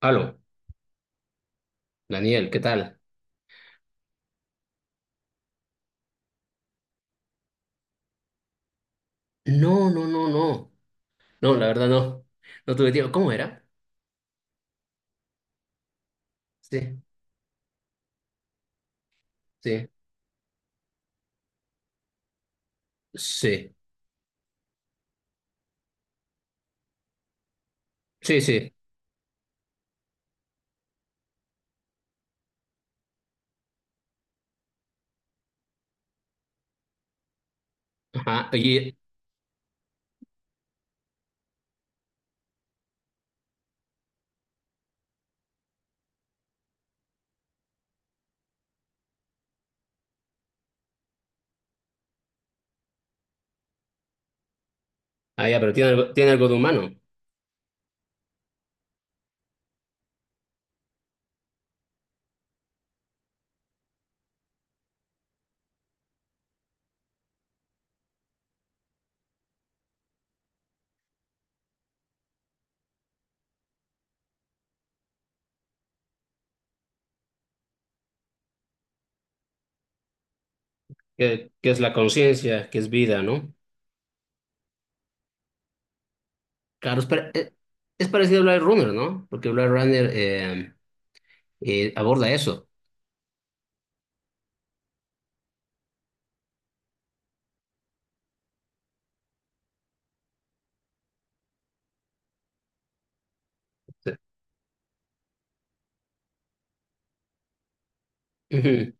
Aló, Daniel, ¿qué tal? No, no, no, no. No, la verdad no. No tuve tiempo. ¿Cómo era? Sí, sí. Sí, sí, sí. Ajá. Oye, ya, pero tiene algo de humano, que es la conciencia, que es vida, ¿no? Claro, es parecido a Blade Runner, ¿no? Porque Blade Runner aborda eso. Sí.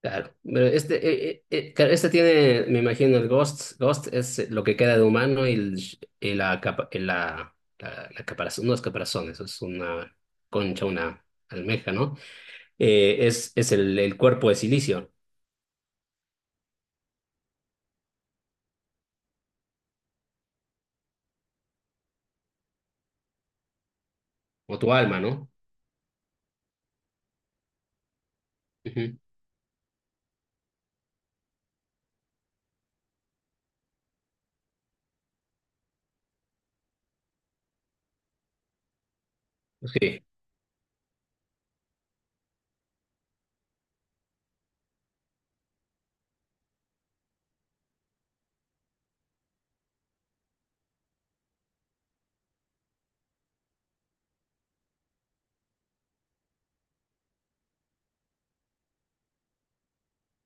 Claro, pero claro, este tiene, me imagino, el Ghost. Ghost es lo que queda de humano y, el- y la, capa- y la caparazón, no es caparazón, eso es una concha, una almeja, ¿no? Es el cuerpo de silicio, o tu alma, ¿no? Ujú. Sí,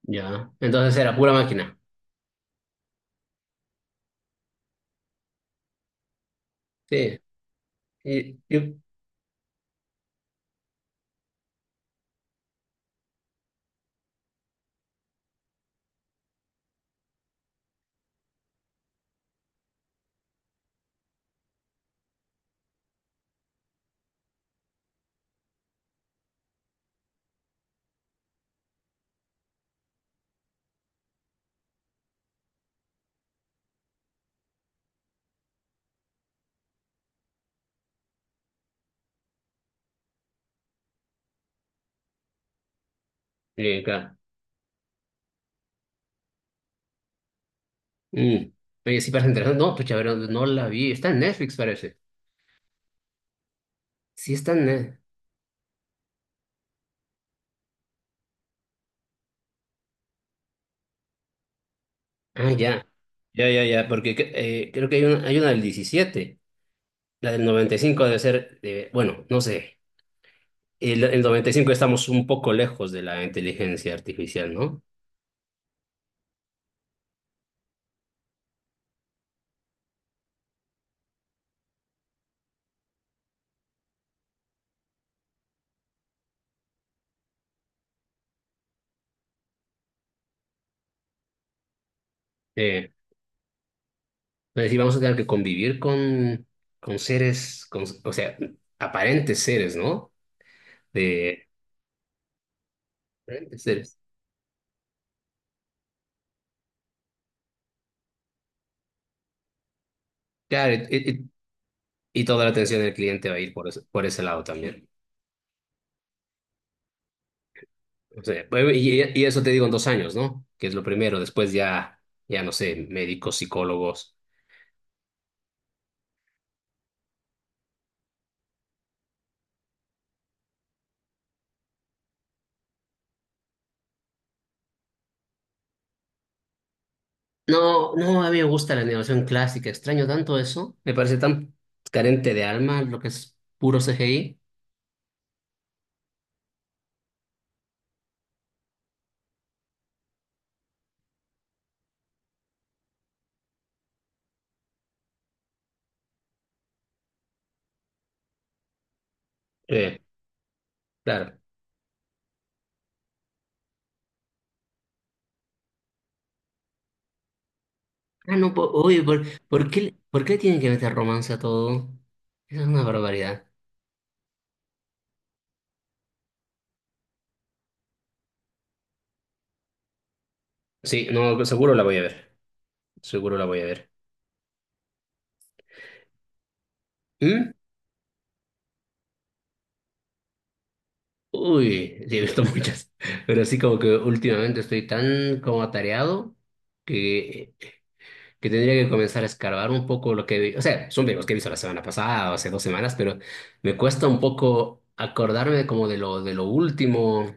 ya. Entonces era pura máquina. Sí, y, y- sí, claro. Mm. Oye, sí parece interesante. No, pues pero no la vi. Está en Netflix, parece. Sí, está en Netflix. Ah, ya. Ya, ya, ya, porque creo que hay una del diecisiete. La del 95 debe ser, bueno, no sé. El noventa y cinco estamos un poco lejos de la inteligencia artificial, ¿no? Eh, pero sí, vamos a tener que convivir con seres, o sea, aparentes seres, ¿no? De, aparentes seres. Claro, y toda la atención del cliente va a ir por ese lado también. O sea, pues, y eso te digo en dos años, ¿no? Que es lo primero. Después ya, ya no sé, médicos, psicólogos. No, no, a mí me gusta la animación clásica, extraño tanto eso, me parece tan carente de alma lo que es puro CGI. Eh, claro. Ah, no, po- oye, ¿por qué, por qué tienen que meter romance a todo? Esa es una barbaridad. Sí, no, seguro la voy a ver. Seguro la voy a ver. ¿Mm? Uy, sí, he visto muchas, pero sí como que últimamente estoy tan como atareado que que tendría que comenzar a escarbar un poco lo que vi. O sea, son videos que he visto la semana pasada o hace dos semanas, pero me cuesta un poco acordarme como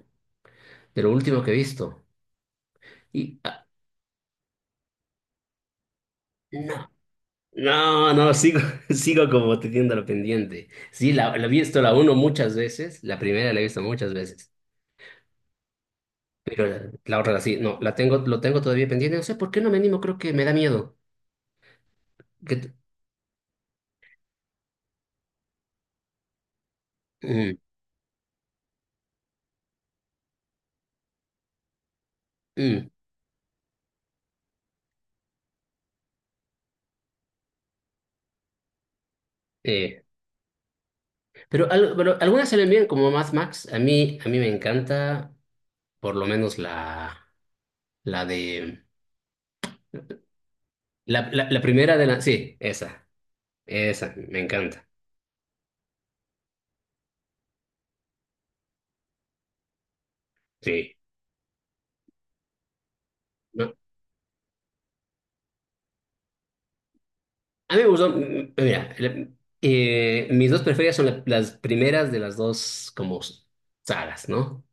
de lo último que he visto. Y ah, no, no, no, sigo, sigo como teniendo lo pendiente. Sí, la he visto la uno muchas veces, la primera la he visto muchas veces, pero la otra sí, no, la tengo, lo tengo todavía pendiente. No sé por qué no me animo, creo que me da miedo. Que, t- mm, mm, eh, Pero, pero algunas se ven bien, como Mad Max. A mí me encanta, por lo menos la de. La, la primera de la. Sí, esa. Esa, me encanta. Sí. No, a mí me gustó. Mira, mis dos preferidas son las primeras de las dos, como sagas, ¿no?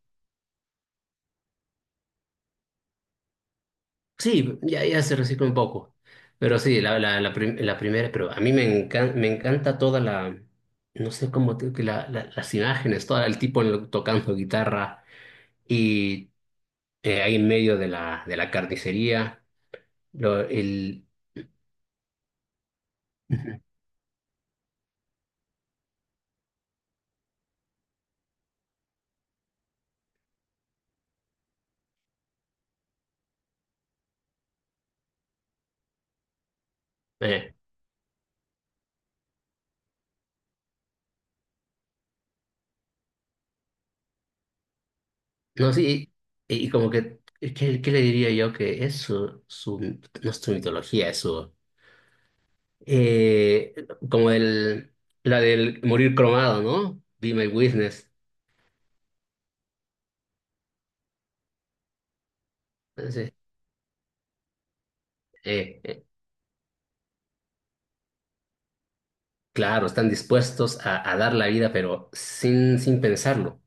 Sí, ya, ya se recicla un poco. Pero sí, la primera, pero a mí me encanta toda la. No sé cómo. Te- que La, las imágenes, todo el tipo tocando guitarra. Y ahí en medio de la carnicería, lo- el, ujú. eh, no sé, y como que, ¿qué, qué le diría yo? Que es su, no es su mitología, eh, como el, la del morir cromado, ¿no? Be my witness. Entonces, eh, eh, claro, están dispuestos a dar la vida, pero sin, sin pensarlo.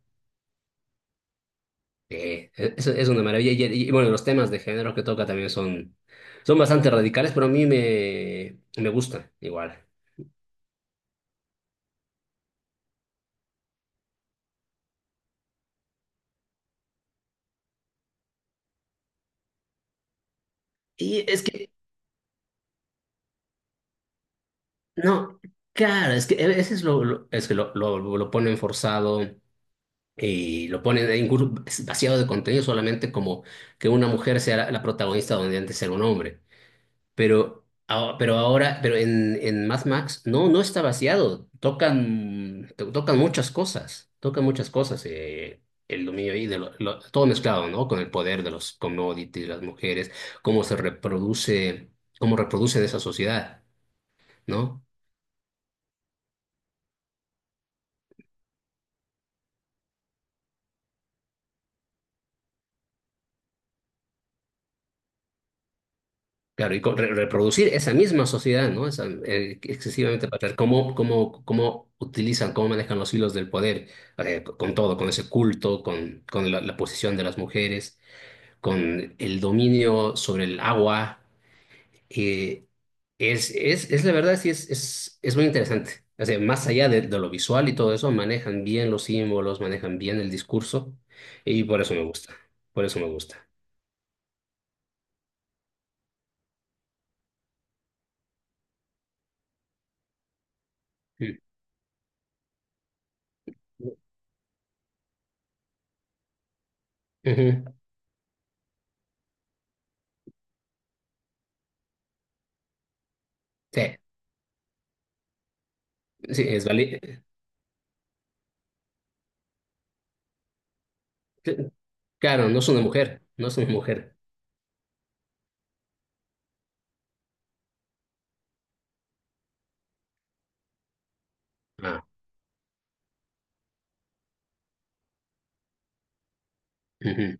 Sí, es una maravilla. Y, bueno, los temas de género que toca también son, son bastante radicales, pero a mí me, me gusta igual. Y es que, no, claro, es que a veces es que lo ponen forzado y lo ponen ahí incluso vaciado de contenido solamente como que una mujer sea la, la protagonista donde antes era un hombre. Pero ahora, pero en Mad Max, no, no está vaciado. Tocan muchas cosas, tocan muchas cosas. El dominio ahí, de todo mezclado, ¿no? Con el poder de los commodities, las mujeres, cómo se reproduce, cómo reproducen esa sociedad, ¿no? Claro, y reproducir esa misma sociedad, ¿no? Esa, excesivamente patriarcal, cómo, cómo, cómo utilizan, cómo manejan los hilos del poder, con todo, con ese culto, con la posición de las mujeres, con el dominio sobre el agua. eh, es, es la verdad, sí, es muy interesante. O sea, más allá de lo visual y todo eso, manejan bien los símbolos, manejan bien el discurso y por eso me gusta. Por eso me gusta. Mm. Ujú. Sí, sí, es vali- eh, Claro, no es una mujer, no es una mujer. Ah, ujú.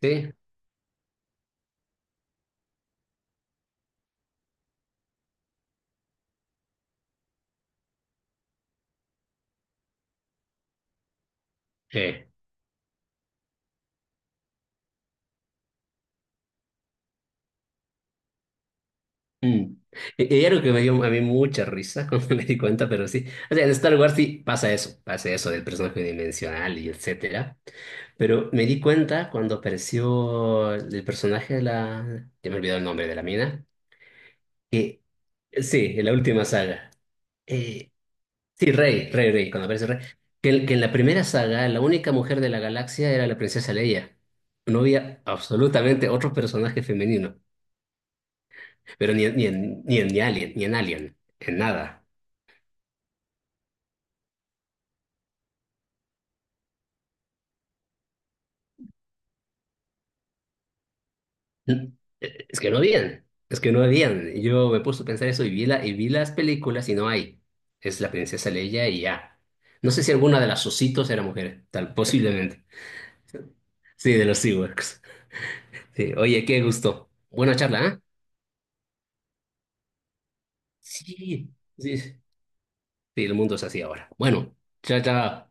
Sí, sí. Mm. Y algo que me dio a mí mucha risa cuando me di cuenta, pero sí. O sea, en Star Wars sí pasa eso del personaje dimensional y etcétera. Pero me di cuenta cuando apareció el personaje de la. Ya me olvidó el nombre de la mina. Que sí, en la última saga. Eh, sí, Rey, Rey, Rey, cuando aparece Rey. Que en la primera saga la única mujer de la galaxia era la princesa Leia. No había absolutamente otro personaje femenino, pero ni en ni Alien, ni en Alien, en nada. Eh, Es que no habían, es que no habían. Y yo me puse a pensar eso y vi las películas y no hay. Es la princesa Leia y ya. No sé si alguna de las ositos era mujer, tal, posiblemente. Sí, de los SeaWorks. Sí, oye, qué gusto. Buena charla, ¿eh? Sí, sí, sí, el mundo es así ahora. Bueno, chao, chao.